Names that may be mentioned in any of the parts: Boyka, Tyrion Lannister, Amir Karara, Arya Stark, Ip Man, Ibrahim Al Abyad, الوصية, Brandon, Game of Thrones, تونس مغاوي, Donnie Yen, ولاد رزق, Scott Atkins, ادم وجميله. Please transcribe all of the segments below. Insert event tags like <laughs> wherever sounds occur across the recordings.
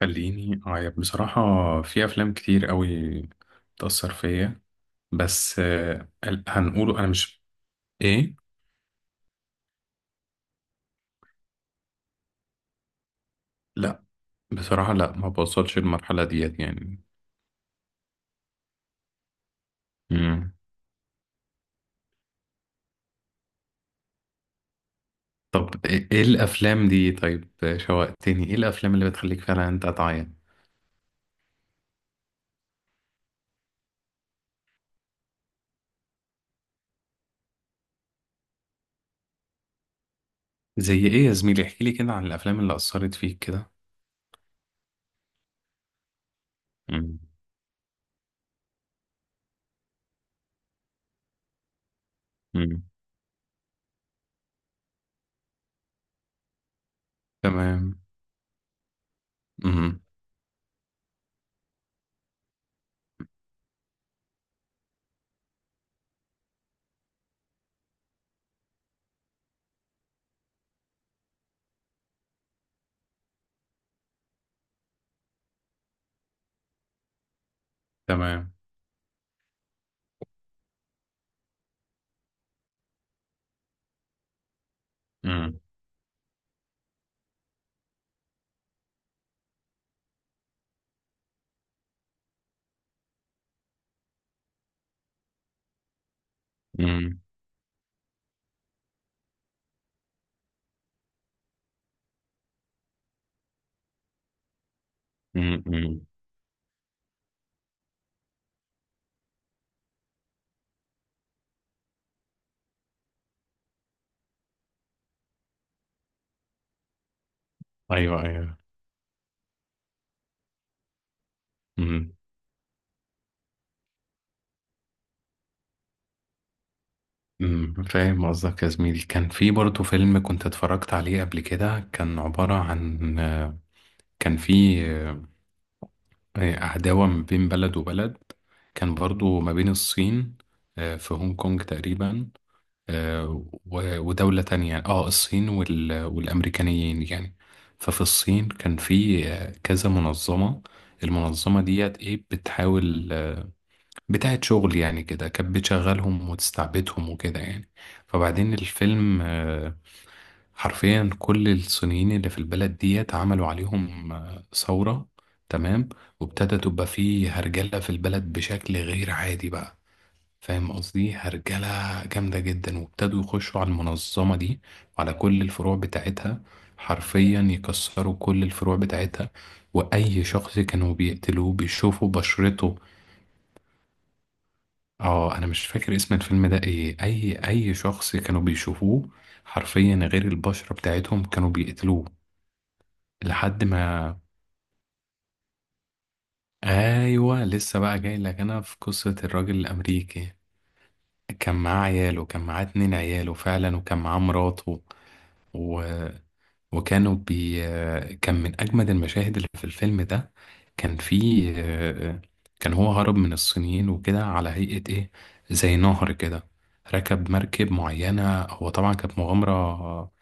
خليني أعيط بصراحة. في أفلام كتير قوي بتأثر فيا. بس هنقوله أنا مش. إيه؟ لا. بصراحة لا، ما بوصلش للمرحلة ديت يعني. مم. طب إيه الأفلام دي؟ طيب شوقتني، إيه الأفلام اللي بتخليك فعلا أنت تعيط؟ زي إيه يا زميلي؟ احكيلي كده عن الأفلام اللي أثرت فيك كده. مم. مم. تمام. مم. تمام. مم. مم. مم. مم. أيوه أيوه. فاهم قصدك يا زميلي. كان في برضه فيلم كنت اتفرجت عليه قبل كده، كان عبارة عن كان في عداوة ما بين بلد وبلد. كان برضه ما بين الصين، في هونج كونج تقريبا. آه، ودولة تانية، اه الصين وال- والأمريكانيين يعني. ففي الصين كان في كذا منظمة. المنظمة ديت ايه بتحاول، بتاعة شغل يعني، كده كانت بتشغلهم وتستعبدهم وكده يعني. فبعدين الفيلم حرفيا كل الصينيين اللي في البلد ديت عملوا عليهم ثورة. تمام. وابتدى تبقى فيه هرجلة في البلد بشكل غير عادي بقى، فاهم قصدي؟ هرجلة جامدة جدا، وابتدوا يخشوا على المنظمة دي وعلى كل الفروع بتاعتها، حرفيا يكسروا كل الفروع بتاعتها. وأي شخص كانوا بيقتلوه بيشوفوا بشرته. اه، انا مش فاكر اسم الفيلم ده ايه. اي شخص كانوا بيشوفوه حرفيا غير البشرة بتاعتهم كانوا بيقتلوه لحد ما... ايوه، لسه بقى جاي لك، انا في قصة الراجل الامريكي. كان معاه عياله، كان معاه اتنين عياله فعلا، وكان معاه مراته. وكانوا بي كان من أجمد المشاهد اللي في الفيلم ده. كان في، كان هو هرب من الصينيين وكده على هيئة إيه، زي نهر كده. ركب مركب معينة، هو طبعا كانت مغامرة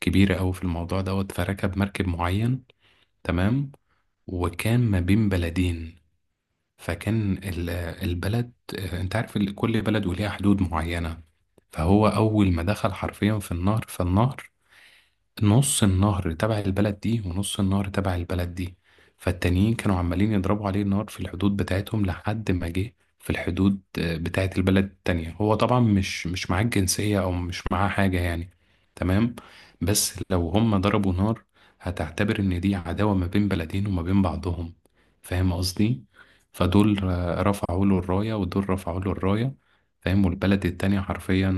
كبيرة أوي في الموضوع دوت، فركب مركب معين. تمام. وكان ما بين بلدين، فكان ال- البلد، أنت عارف كل بلد وليها حدود معينة. فهو أول ما دخل حرفيا في النهر، فالنهر، نص النهر تبع البلد دي ونص النهر تبع البلد دي. فالتانيين كانوا عمالين يضربوا عليه النار في الحدود بتاعتهم، لحد ما جه في الحدود بتاعت البلد التانية. هو طبعا مش معاه الجنسية أو مش معاه حاجة يعني. تمام. بس لو هم ضربوا نار، هتعتبر إن دي عداوة ما بين بلدين وما بين بعضهم، فاهم قصدي؟ فدول رفعوا له الراية، ودول رفعوا له الراية، فاهم. والبلد التانية حرفيا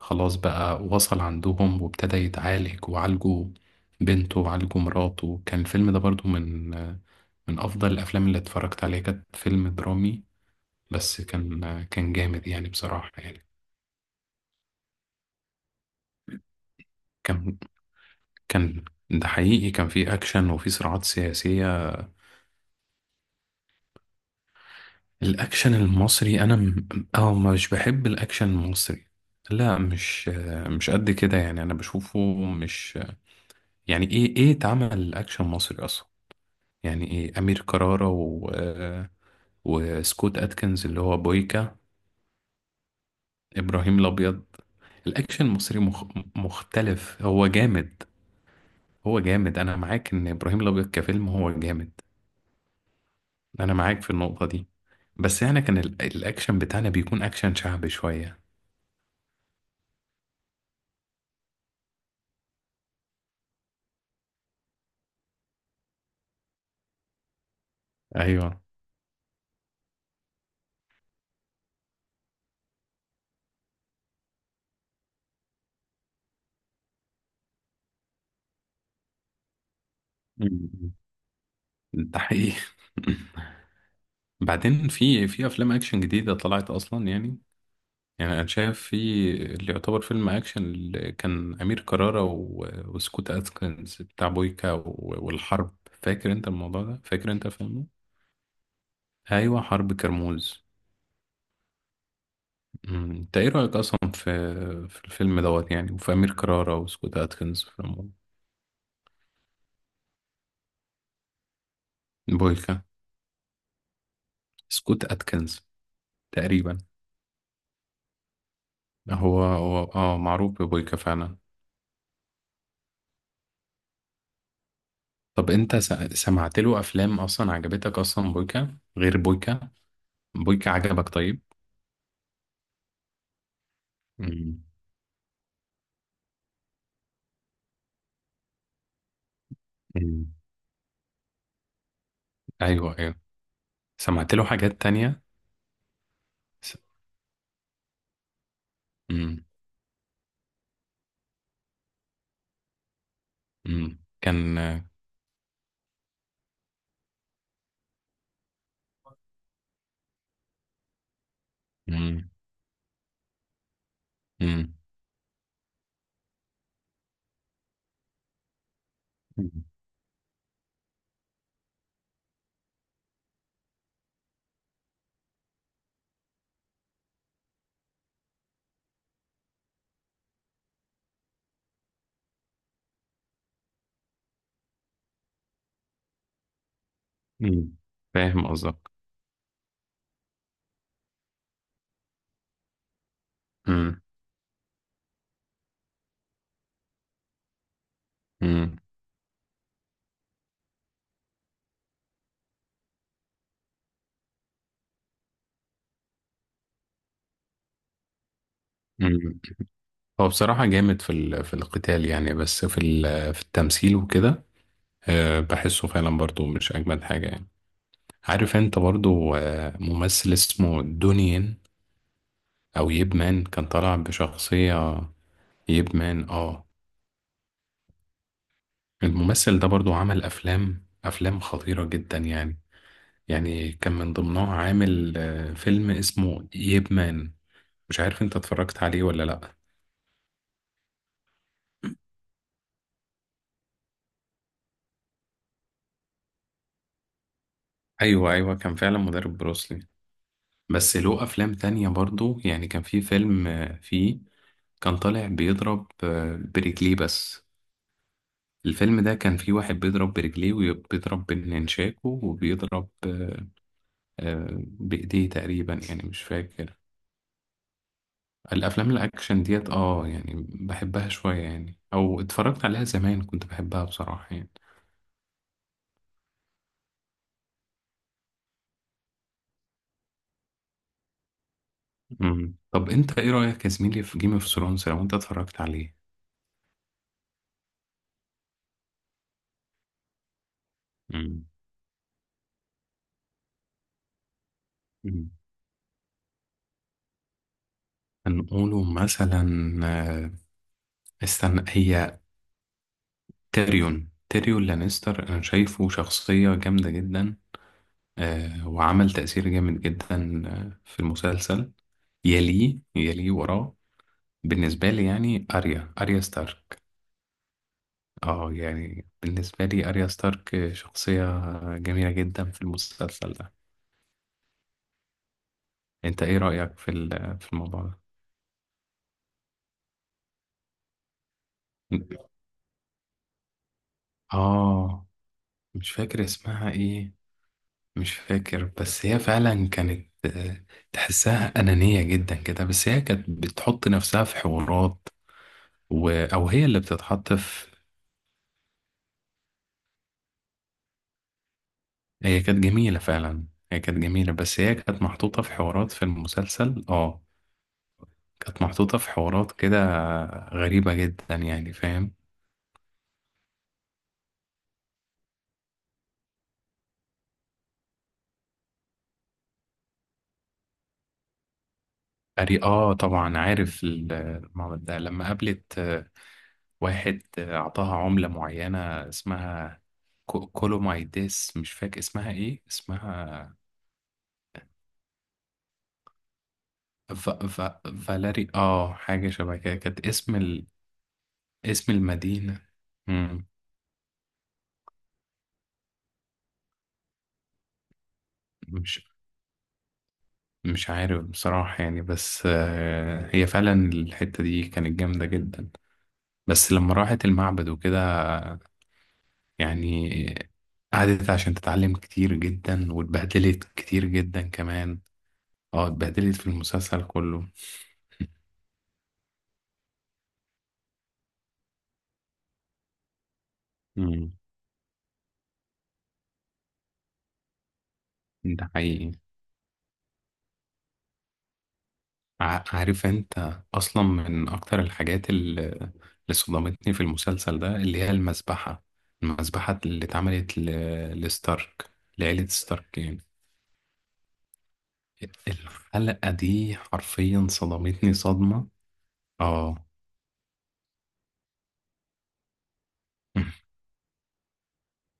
خلاص بقى، وصل عندهم وابتدى يتعالج، وعالجوا بنته وعالجوا مراته. كان الفيلم ده برضو من من أفضل الأفلام اللي اتفرجت عليها، كانت فيلم درامي بس كان جامد يعني بصراحة يعني. كان كان ده حقيقي، كان فيه أكشن وفيه صراعات سياسية. الأكشن المصري أنا أه مش بحب الأكشن المصري. لا، مش مش قد كده يعني، أنا بشوفه مش، يعني إيه إيه اتعمل أكشن مصري أصلا؟ يعني ايه؟ امير كرارة و... وسكوت اتكنز اللي هو بويكا. ابراهيم الابيض. الاكشن المصري مختلف، هو جامد. هو جامد، انا معاك ان ابراهيم الابيض كفيلم هو جامد. انا معاك في النقطة دي. بس احنا كان الاكشن بتاعنا بيكون اكشن شعبي شوية. ايوه. مم. ده حقيقي. <laughs> بعدين في افلام اكشن جديدة طلعت اصلا يعني. يعني انا شايف في، اللي يعتبر فيلم اكشن اللي كان امير كرارة و... وسكوت اتكنز بتاع بويكا و... والحرب، فاكر انت الموضوع ده؟ فاكر انت فاهمه؟ ايوه حرب كرموز. انت ايه رايك اصلا في الفيلم دوت يعني، وفي امير كرارة وسكوت اتكنز في العموم؟ بويكا. سكوت اتكنز تقريبا. هو اه معروف ببويكا فعلا. طب انت سمعت له افلام اصلا عجبتك اصلا؟ بويكا غير بويكا؟ بويكا عجبك طيب؟ أمم. ايوه ايوه. سمعت له حاجات تانية. س... مم. مم. كان، مم. مم. مم. فاهم قصدك. مم. مم. مم. هو بصراحة جامد في في القتال يعني، بس في في التمثيل وكده بحسه فعلا برضو مش أجمد حاجة يعني. عارف انت برضو ممثل اسمه دونيين او ييب مان، كان طالع بشخصية ييب مان اه. الممثل ده برضو عمل افلام خطيرة جدا يعني. يعني كان من ضمنها عامل فيلم اسمه ييب مان، مش عارف انت اتفرجت عليه ولا لأ. ايوه ايوه، كان فعلا مدرب بروسلي. بس له افلام تانية برضو يعني. كان في فيلم فيه كان طالع بيضرب برجليه بس. الفيلم ده كان فيه واحد بيضرب برجليه وبيضرب بالنشاكو وبيضرب بإيديه تقريبا يعني، مش فاكر. الأفلام الأكشن ديت اه يعني، بحبها شوية يعني، أو اتفرجت عليها زمان كنت بحبها بصراحة يعني. مم. طب انت ايه رأيك يا زميلي في جيم اوف ثرونز، لو انت اتفرجت عليه؟ مم. مم. هنقوله مثلا آه، استنى، هي تيريون، تيريون لانستر، انا شايفه شخصية جامدة جدا وعمل تأثير جامد جدا في المسلسل. يليه وراه بالنسبة لي يعني أريا، أريا ستارك. اه يعني بالنسبة لي أريا ستارك شخصية جميلة جدا في المسلسل ده. انت ايه رأيك في في الموضوع ده؟ اه. مش فاكر اسمها ايه، مش فاكر. بس هي فعلا كانت تحسها أنانية جدا كده، بس هي كانت بتحط نفسها في حوارات، و... أو هي اللي بتتحط في. هي كانت جميلة فعلا. هي كانت جميلة، بس هي كانت محطوطة في حوارات في المسلسل اه. كانت محطوطة في حوارات كده غريبة جدا يعني، فاهم. أري اه، طبعا عارف المعبد ده. لما قابلت واحد أعطاها عملة معينة اسمها كولومايديس، مش فاكر اسمها ايه، اسمها ف... ف... فالاري اه، حاجة شبه كده، كانت اسم اسم المدينة. مم. مش مش عارف بصراحة يعني، بس هي فعلا الحتة دي كانت جامدة جدا. بس لما راحت المعبد وكده يعني، قعدت عشان تتعلم كتير جدا واتبهدلت كتير جدا كمان. اه، اتبهدلت في المسلسل كله. <laughs> مم. ده حقيقي. عارف انت اصلا من اكتر الحاجات اللي صدمتني في المسلسل ده، اللي هي المذبحة، المذبحة اللي اتعملت لستارك، لعيلة ستارك يعني. الحلقة دي حرفيا صدمتني صدمة. اه،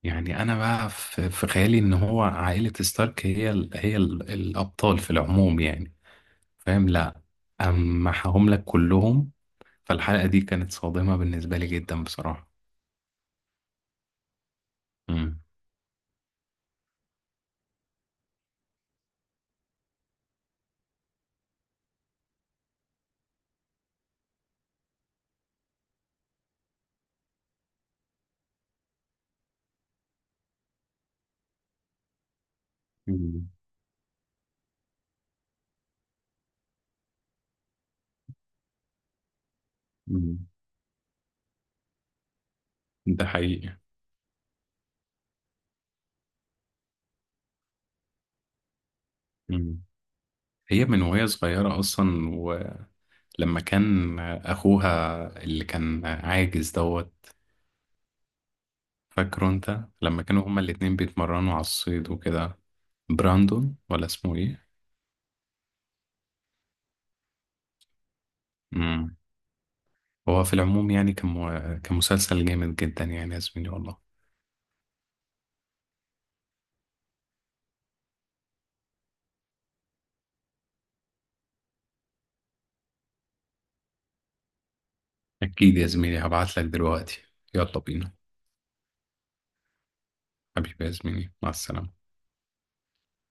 يعني انا بقى في خيالي ان هو عائلة ستارك هي الابطال في العموم يعني، فاهم؟ لا، اما محاهم لك كلهم، فالحلقة دي كانت صادمة بالنسبة لي جدا بصراحة. امم. مم. مم. ده حقيقي. مم. هي من وهي صغيرة أصلا، ولما كان أخوها اللي كان عاجز دوت، فاكره أنت لما كانوا هما الاتنين بيتمرنوا على الصيد وكده، براندون ولا اسمه إيه؟ مم. هو في العموم يعني كان مسلسل جامد جدا يعني يا زميلي والله. أكيد يا زميلي، هبعتلك دلوقتي. يلا بينا. حبيبي يا زميلي، مع السلامة.